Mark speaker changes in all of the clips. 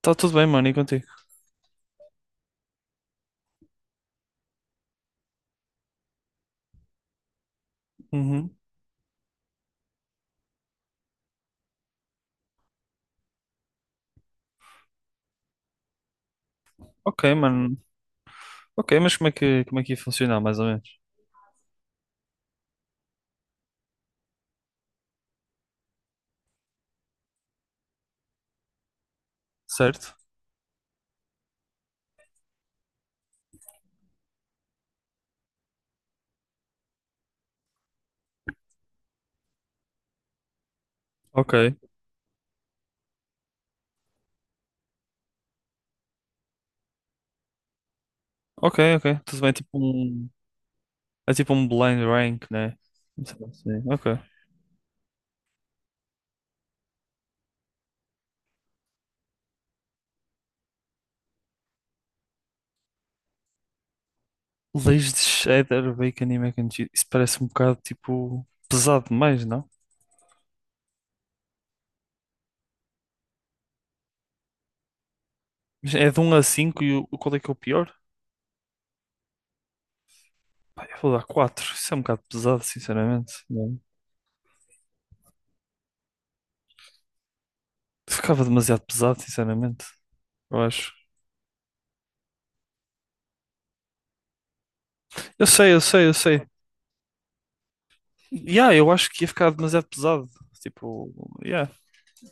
Speaker 1: Tá tudo bem, mano, e contigo? Uhum. Ok, mano. Ok, mas como é que ia funcionar, mais ou menos? Certo? Ok. Ok, ok. Tudo bem, tipo um... É tipo um blind rank, né? Não sei se- Ok. Leis de cheddar, bacon e mac and cheese. Isso parece um bocado, tipo, pesado demais, não? Mas é de um a 5 e qual é que é o pior? Pá, eu vou dar quatro. Isso é um bocado pesado, sinceramente. Não. Ficava demasiado pesado, sinceramente. Eu acho. Eu sei, eu sei. Yeah, eu acho que ia ficar demasiado pesado. Tipo, yeah,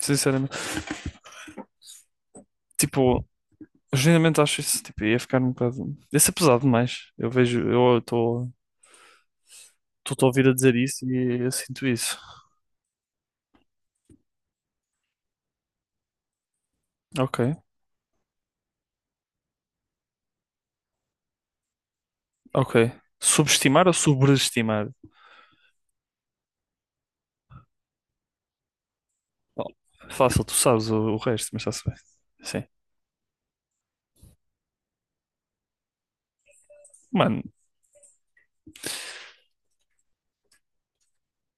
Speaker 1: sinceramente. Tipo, genuinamente acho isso. Tipo, ia ficar um bocado. Ia ser pesado demais. Eu estou a ouvir a dizer isso e eu sinto isso. Ok, ok. Subestimar ou sobreestimar? Bom, fácil, tu sabes o resto, mas está-se bem. Sim. Mano,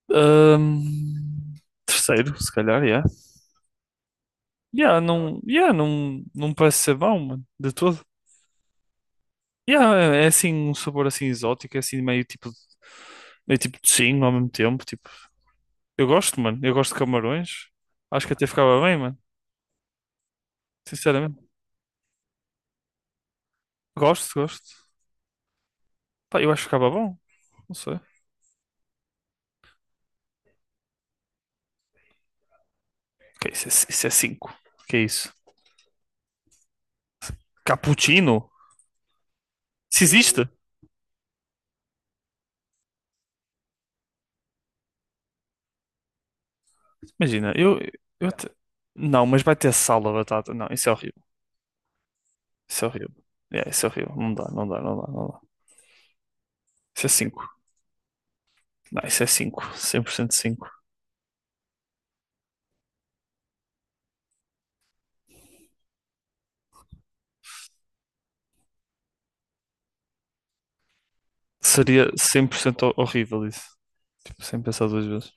Speaker 1: hum, terceiro, se calhar, yeah. Yeah, não, yeah, não, não me parece ser bom, mano, de todo. Yeah, é assim um sabor assim exótico, é assim meio tipo de sim ao mesmo tempo, tipo. Eu gosto, mano. Eu gosto de camarões. Acho que até ficava bem, mano. Sinceramente. Gosto, gosto. Pá, eu acho que ficava bom. Não sei. Ok, isso é cinco. Que é isso? Cappuccino? Se existe? Imagina, eu até. Não, mas vai ter sal da batata. Não, isso é horrível. Isso é horrível. É, isso é horrível. Não dá, não dá, não dá, não dá. Isso é cinco. Não, isso é cinco. 100% cinco. Seria 100% horrível isso. Tipo, sem pensar duas vezes.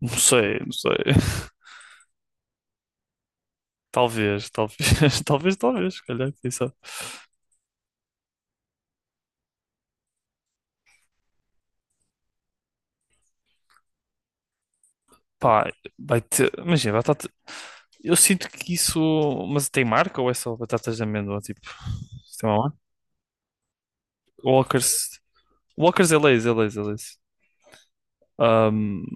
Speaker 1: Não sei, não sei. Talvez, talvez, talvez, talvez, se calhar, quem sabe. Pá, vai ter. Imagina, batata. Eu sinto que isso. Mas tem marca ou é só batatas de amêndoa? Tipo, isso tem uma marca? Walkers. Walkers é Lay's, é Lay's. Ahm,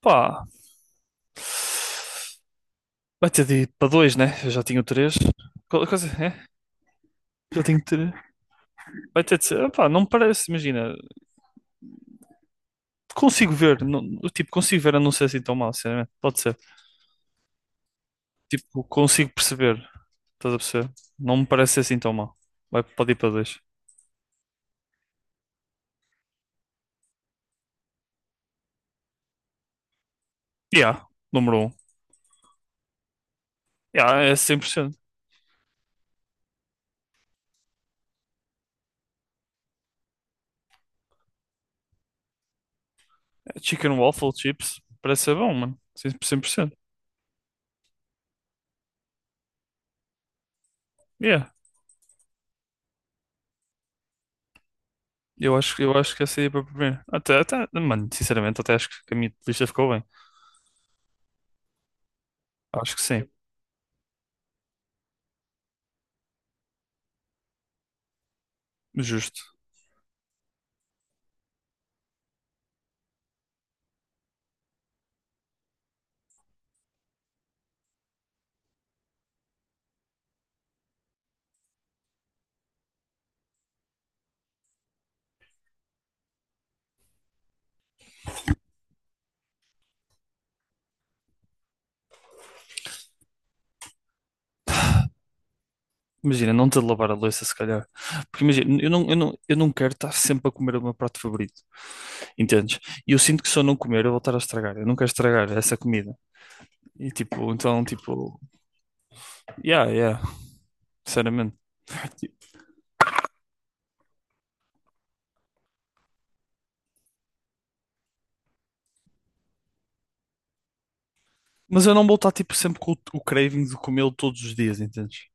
Speaker 1: pá. Vai ter de ir para dois, né? Eu já tinha três. Coisa, é? Já tenho três. Vai ter de ser. Pá, não me parece, imagina. Consigo ver, não, tipo, consigo ver a não ser assim tão mal, sinceramente. Pode ser. Tipo, consigo perceber, estás a perceber? Não me parece ser assim tão mal. Vai, pode ir para dois. Yeah, número um. Yeah, é 100%. Chicken waffle chips, parece ser bom, mano. 100% 100%. Yeah. Eu acho que essa ia para a... Até, até, mano, sinceramente, até acho que a minha lista ficou bem. Acho que sim, justo. Imagina, não ter de lavar a louça, se calhar. Porque imagina, eu não quero estar sempre a comer o meu prato favorito. Entendes? E eu sinto que se eu não comer, eu vou estar a estragar. Eu não quero estragar essa comida. E tipo, então, tipo, yeah, sinceramente. Mas eu não vou estar tipo sempre com o craving de comê-lo todos os dias, entendes?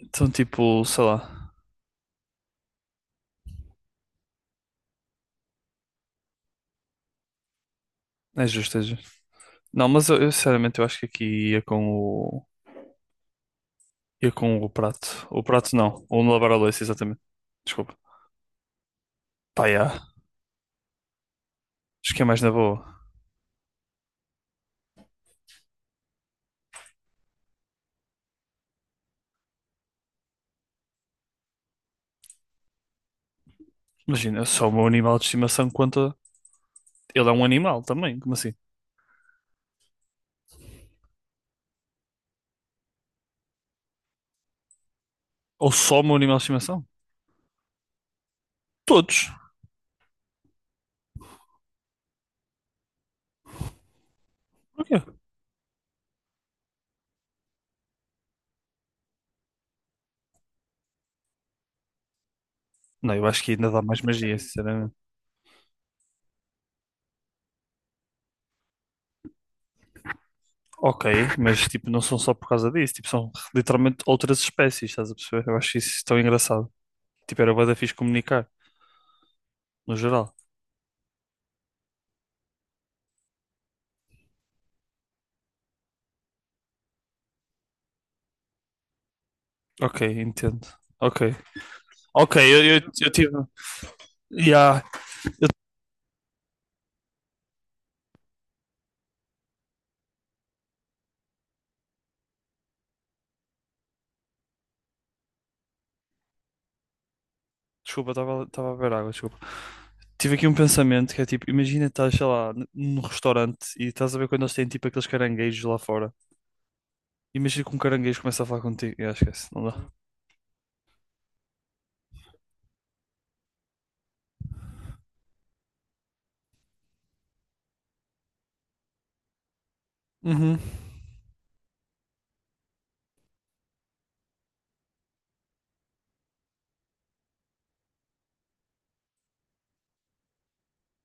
Speaker 1: Então, tipo, sei lá, é justo. Não, mas sinceramente eu acho que aqui ia com o... Ia com o prato. O prato não, ou lavar a louça, exatamente. Desculpa. Pá, yeah. Acho que é mais na boa. Imagina, só o meu animal de estimação conta. Ele é um animal também, como assim? Ou só o meu animal de estimação? Todos. Ok. Não, eu acho que ainda dá mais magia, sinceramente. Ok, mas tipo, não são só por causa disso, tipo, são literalmente outras espécies, estás a perceber? Eu acho isso tão engraçado. Tipo, era bué da fixe comunicar, no geral. Ok, entendo. Ok. Ok, eu tive. Yeah. Desculpa, estava a beber água, desculpa. Tive aqui um pensamento que é tipo, imagina estás, sei lá, num restaurante e estás a ver quando eles têm tipo aqueles caranguejos lá fora. Imagina que um caranguejo começa a falar contigo. Yeah, esquece, não dá. Uhum.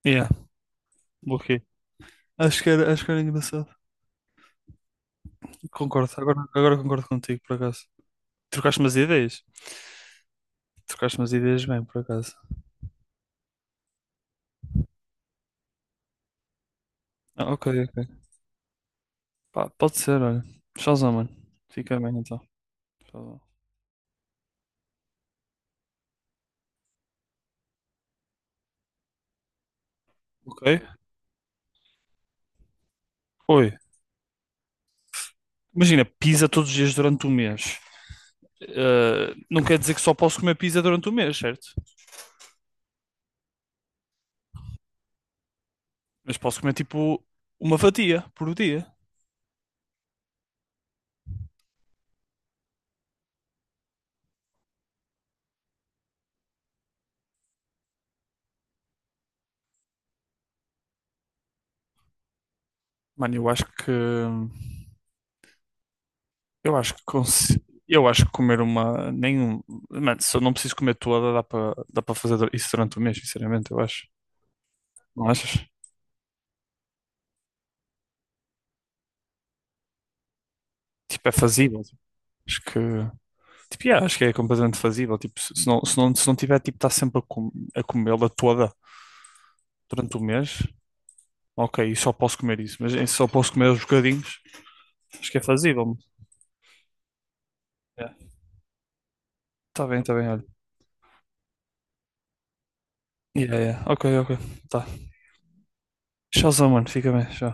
Speaker 1: Yeah, ok. Acho que era engraçado. Concordo, agora concordo contigo, por acaso. Trocaste umas ideias? Trocaste umas ideias bem, por acaso. Ah, ok, ok. Pá, pode ser, olha. Shazam, mano. Fica bem então. Shazam. Ok? Oi. Imagina, pizza todos os dias durante um mês. Ah, não quer dizer que só posso comer pizza durante um mês, certo? Mas posso comer tipo uma fatia por dia. Mano, eu acho que. Eu acho que consi- eu acho que comer uma nenhum, mano, se eu não preciso comer toda, dá para fazer isso durante o mês, sinceramente, eu acho. Não achas? Tipo, é fazível. Tipo, acho que tipo, yeah, acho que é completamente fazível, tipo, se se não tiver tipo estar sempre a, com... a comê-la toda durante o mês, ok, só posso comer isso, mas só posso comer os bocadinhos. Acho que é fazível, mano. Yeah. Tá bem, olha. Yeah, yeah. Ok, ok. Tá. Tchauzão, mano, fica bem, tchau.